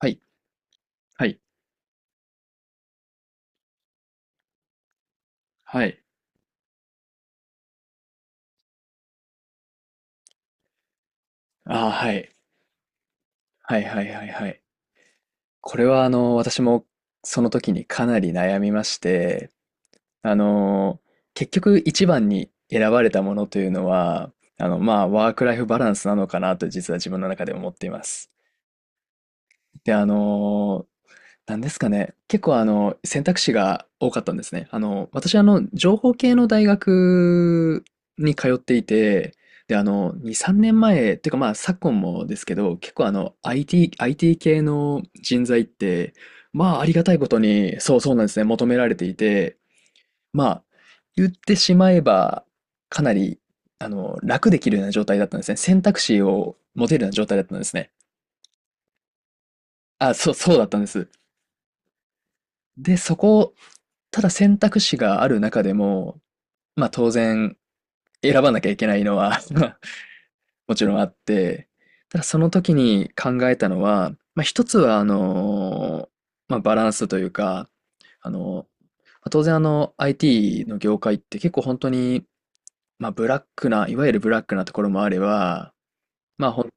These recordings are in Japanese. はい、はい、はい。ああ、はい。はい、はい、はい、はい。これは、私もその時にかなり悩みまして、あの、結局一番に選ばれたものというのは、ワークライフバランスなのかなと実は自分の中で思っています。で、なんですかね。結構選択肢が多かったんですね。私情報系の大学に通っていて、で、2、3年前、っていうかまあ、昨今もですけど、結構IT 系の人材って、まあ、ありがたいことに、そうなんですね、求められていて、まあ、言ってしまえば、かなり、楽できるような状態だったんですね。選択肢を持てるような状態だったんですね。あ、そうだったんです。で、ただ選択肢がある中でも、まあ当然選ばなきゃいけないのは もちろんあって、ただその時に考えたのは、まあ一つはまあバランスというか、あの、まあ当然あの IT の業界って結構本当に、まあブラックな、いわゆるブラックなところもあれば、まあほん、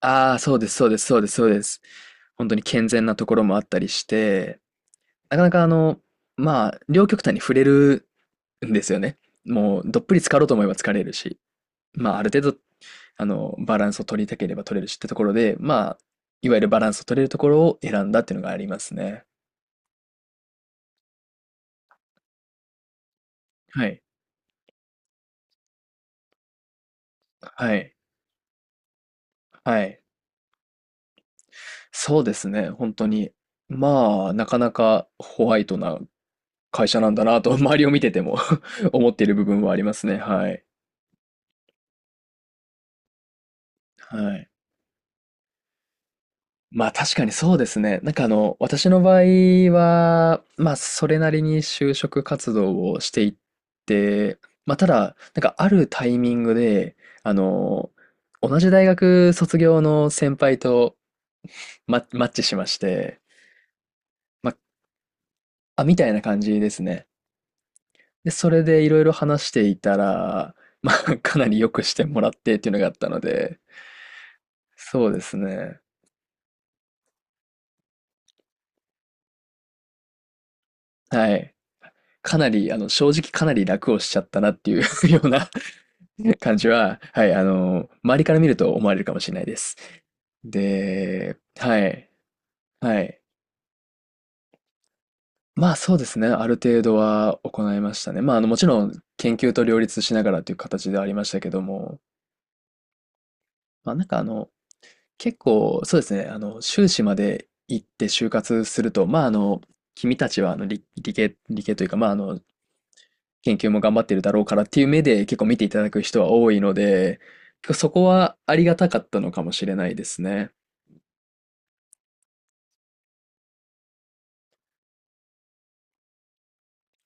ああ、そうです、そうです、そうです、そうです。本当に健全なところもあったりして、なかなかまあ、両極端に触れるんですよね。もう、どっぷり浸かろうと思えば浸かれるし、まあ、ある程度、バランスを取りたければ取れるしってところで、まあ、いわゆるバランスを取れるところを選んだっていうのがありますね。はい。はい。はい。そうですね、本当に。まあ、なかなかホワイトな会社なんだなと、周りを見てても 思っている部分はありますね。はい。はい。まあ確かにそうですね。なんか私の場合は、まあそれなりに就職活動をしていって、まあただ、なんかあるタイミングで、あの、同じ大学卒業の先輩とマッチしまして、まあ、あ、みたいな感じですね。で、それでいろいろ話していたら、まあかなり良くしてもらってっていうのがあったので、そうですね。はい。かなり、正直かなり楽をしちゃったなっていう ような感じは、はい、周りから見ると思われるかもしれないです。で、はい、はい。まあそうですね、ある程度は行いましたね。まあ、もちろん研究と両立しながらという形ではありましたけども、まあなんかあの、結構、そうですね、修士まで行って就活すると、まあ君たちはあの理系というか、まあ研究も頑張ってるだろうからっていう目で結構見ていただく人は多いので、結構そこはありがたかったのかもしれないですね。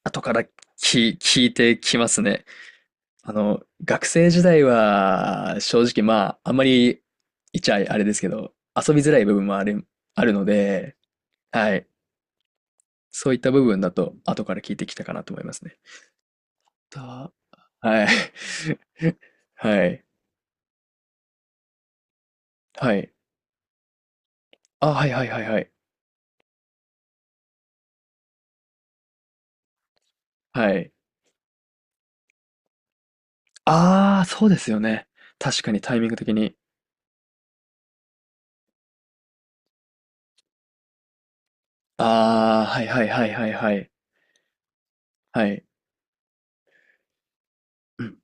後から聞いてきますね。学生時代は正直まあ、あんまり言っちゃあれですけど、遊びづらい部分もある、あるので、はい。そういった部分だと後から聞いてきたかなと思いますね。だはい。はい。はい。あ、はいはいはいはい。はい。ああ、そうですよね。確かにタイミング的に。ああ、はいはいはいはいはい。はい。うん。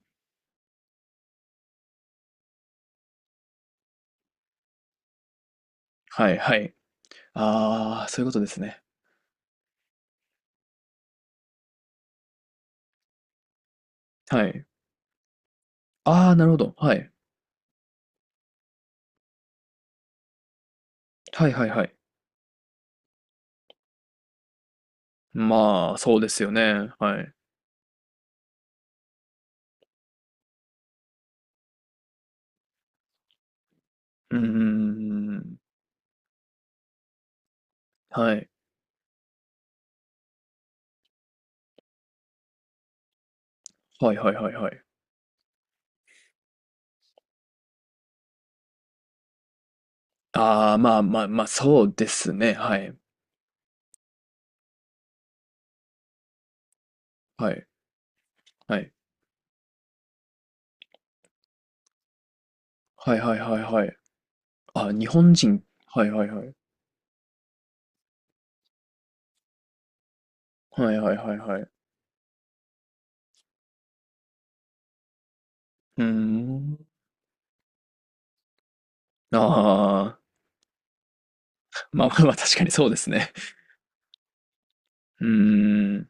はいはい。ああ、そういうことですね。はい。ああ、なるほど。はい。はいはいはい。まあ、そうですよね。はい。うんうんうんうんはいはいはいはいはい。ああ、まあまあまあ、そうですね。はい。はい。はい。はいはいはいはい。あ、日本人。はいはいはい。はいはいはいはい。うーん。ああ、まあまあまあ、確かにそうですね。うんん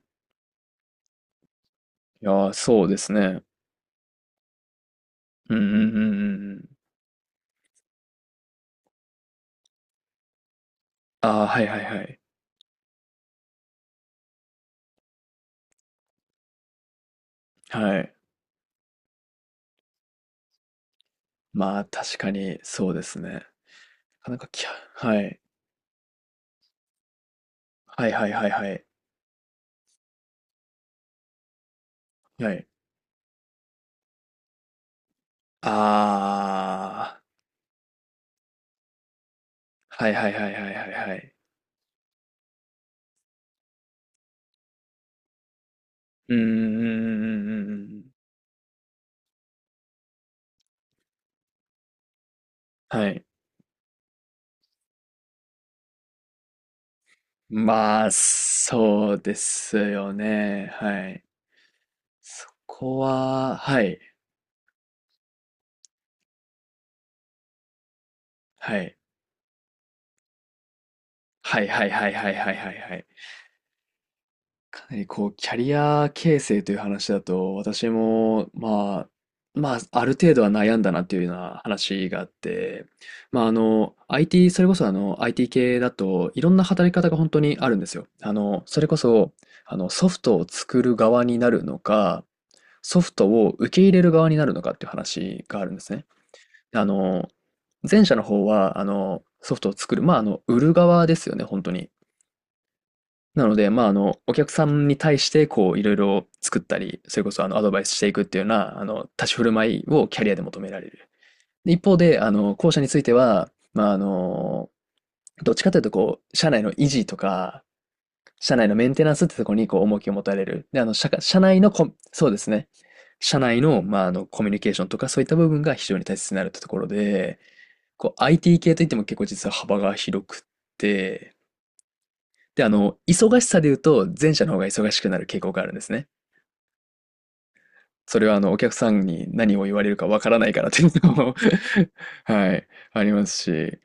いやー、そうですね。うんうんうんうんうん。ああ、はいはいはい。はい。まあ、確かにそうですね。なかなかきゃはい。はいはいはいはい。はい。ああ、はいはいはいはいはいはい。うーん、うんうんうんうんはい。まあ、そうですよね。はい。そこは、はい。はい。はいはいはいはいはいはいはい。かなりこう、キャリア形成という話だと、私も、まあ、まあ、ある程度は悩んだなっていうような話があって、まあ、それこそあの、IT 系だといろんな働き方が本当にあるんですよ。それこそ、ソフトを作る側になるのか、ソフトを受け入れる側になるのかっていう話があるんですね。あの、前者の方は、ソフトを作る、まあ、売る側ですよね、本当に。なので、まあ、お客さんに対して、こう、いろいろ作ったり、それこそ、アドバイスしていくっていうような、立ち振る舞いをキャリアで求められる。で一方で、後者については、まあ、どっちかというと、こう、社内の維持とか、社内のメンテナンスってところに、こう、重きを持たれる。で、社社内のコ、そうですね。社内の、まあ、コミュニケーションとか、そういった部分が非常に大切になるってところで、こう、IT 系といっても結構実は幅が広くて、で、忙しさで言うと、前者の方が忙しくなる傾向があるんですね。それは、お客さんに何を言われるかわからないからっていうのも はい、ありますし。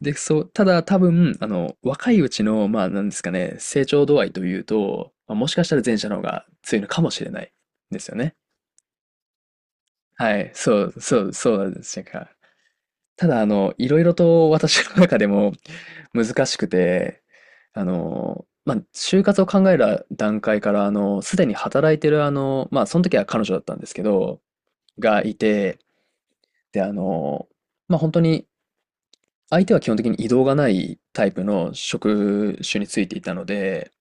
で、そう、ただ多分、若いうちの、まあ、なんですかね、成長度合いというと、まあ、もしかしたら前者の方が強いのかもしれないですよね。はい、そうなんですか。ただ、いろいろと私の中でも難しくて、まあ、就活を考える段階から、すでに働いてる、まあ、その時は彼女だったんですけど、がいて、で、まあ、本当に、相手は基本的に移動がないタイプの職種についていたので、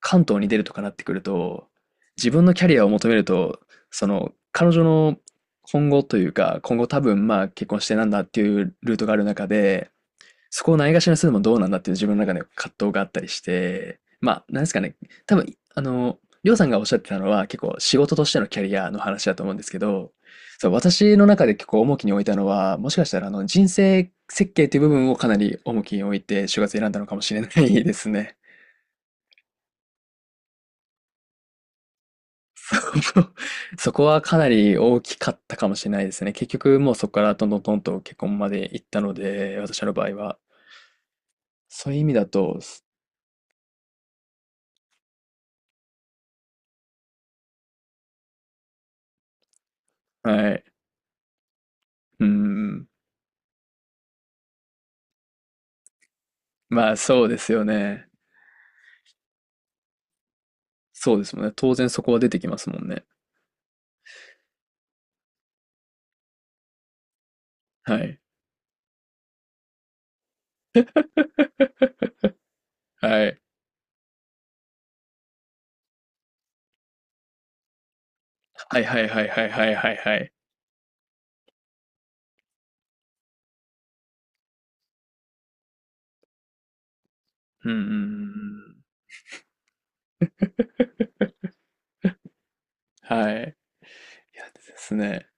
関東に出るとかなってくると、自分のキャリアを求めると、その、彼女の今後というか、今後多分、まあ、結婚してなんだっていうルートがある中で、そこをないがしろにするのもどうなんだっていう自分の中で葛藤があったりして、まあ、なんですかね、多分、あの、りょうさんがおっしゃってたのは結構仕事としてのキャリアの話だと思うんですけど、そう、私の中で結構重きに置いたのは、もしかしたらあの人生設計という部分をかなり重きに置いて就活選んだのかもしれないですね。そこはかなり大きかったかもしれないですね。結局もうそこからトントントンと結婚まで行ったので、私の場合は。そういう意味だと、はい。うん。まあ、そうですよね。そうですもんね。当然そこは出てきますもんね。はい。はい。はいはいはいはいはいはいはい。うんうんうんうん。はい。いや、ですね。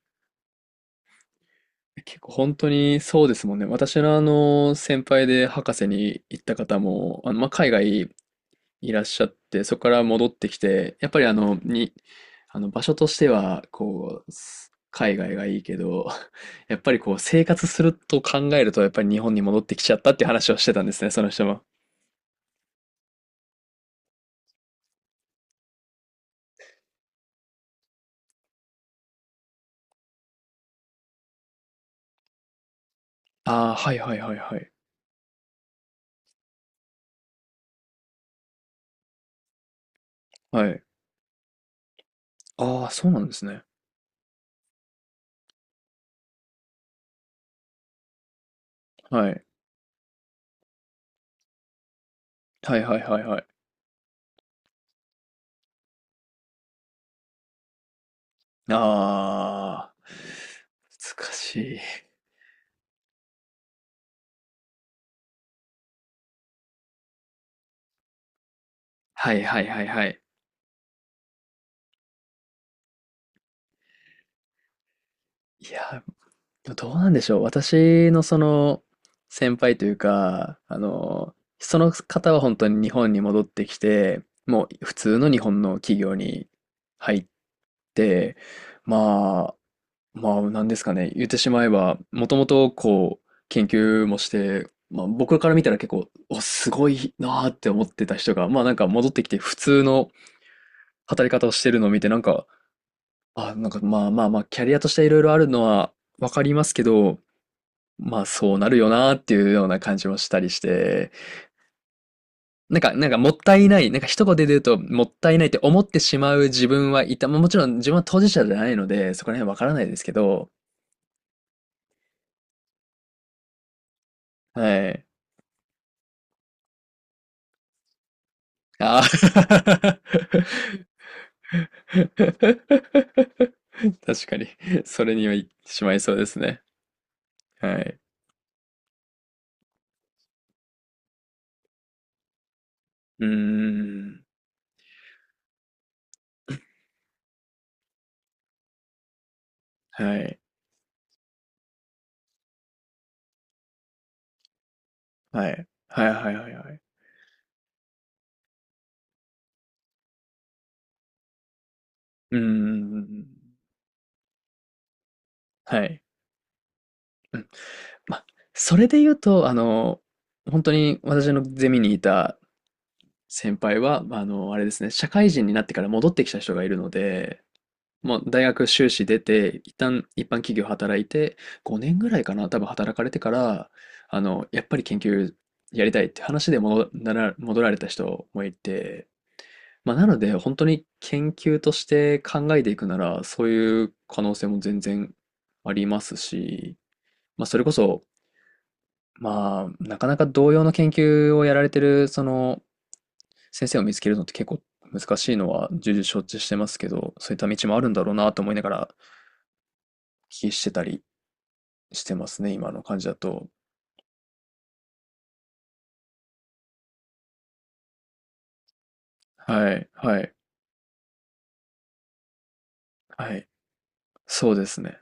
結構本当にそうですもんね。私の先輩で博士に行った方も、まあ、海外いらっしゃって、そこから戻ってきて、やっぱりあの、に、あの、場所としては、こう、海外がいいけど、やっぱりこう、生活すると考えると、やっぱり日本に戻ってきちゃったって話をしてたんですね、その人も。ああ、はいはいはいはい。はい。ああ、そうなんですね。はい。はいはいはいはい。ああ、難しい。はいはいはいはい。いや、どうなんでしょう。私のその先輩というか、その方は本当に日本に戻ってきて、もう普通の日本の企業に入って、まあ、まあ、なんですかね、言ってしまえば、もともとこう、研究もして、まあ、僕から見たら結構、すごいなーって思ってた人が、まあなんか戻ってきて普通の働き方をしてるのを見て、なんか、まあ、キャリアとしていろいろあるのはわかりますけど、まあそうなるよなーっていうような感じもしたりして、なんか、なんかもったいない、なんか一言で言うともったいないって思ってしまう自分はいた。まあもちろん自分は当事者じゃないので、そこら辺わからないですけど、はい。ああ 確かに、それにはいってしまいそうですね。はい。うーん。はい。はい。はいはいはいはい。うーん。はい。うん。ま、それで言うと、あの、本当に私のゼミにいた先輩は、あれですね、社会人になってから戻ってきた人がいるので、もう大学修士出て、一旦一般企業働いて、5年ぐらいかな、多分働かれてから、あの、やっぱり研究やりたいって話で戻られた人もいて、まあ、なので、本当に研究として考えていくなら、そういう可能性も全然ありますし、まあ、それこそ、まあ、なかなか同様の研究をやられてる、その、先生を見つけるのって結構難しいのは重々承知してますけど、そういった道もあるんだろうなと思いながらお聞きしてたりしてますね、今の感じだと。はい、はい、はい。そうですね。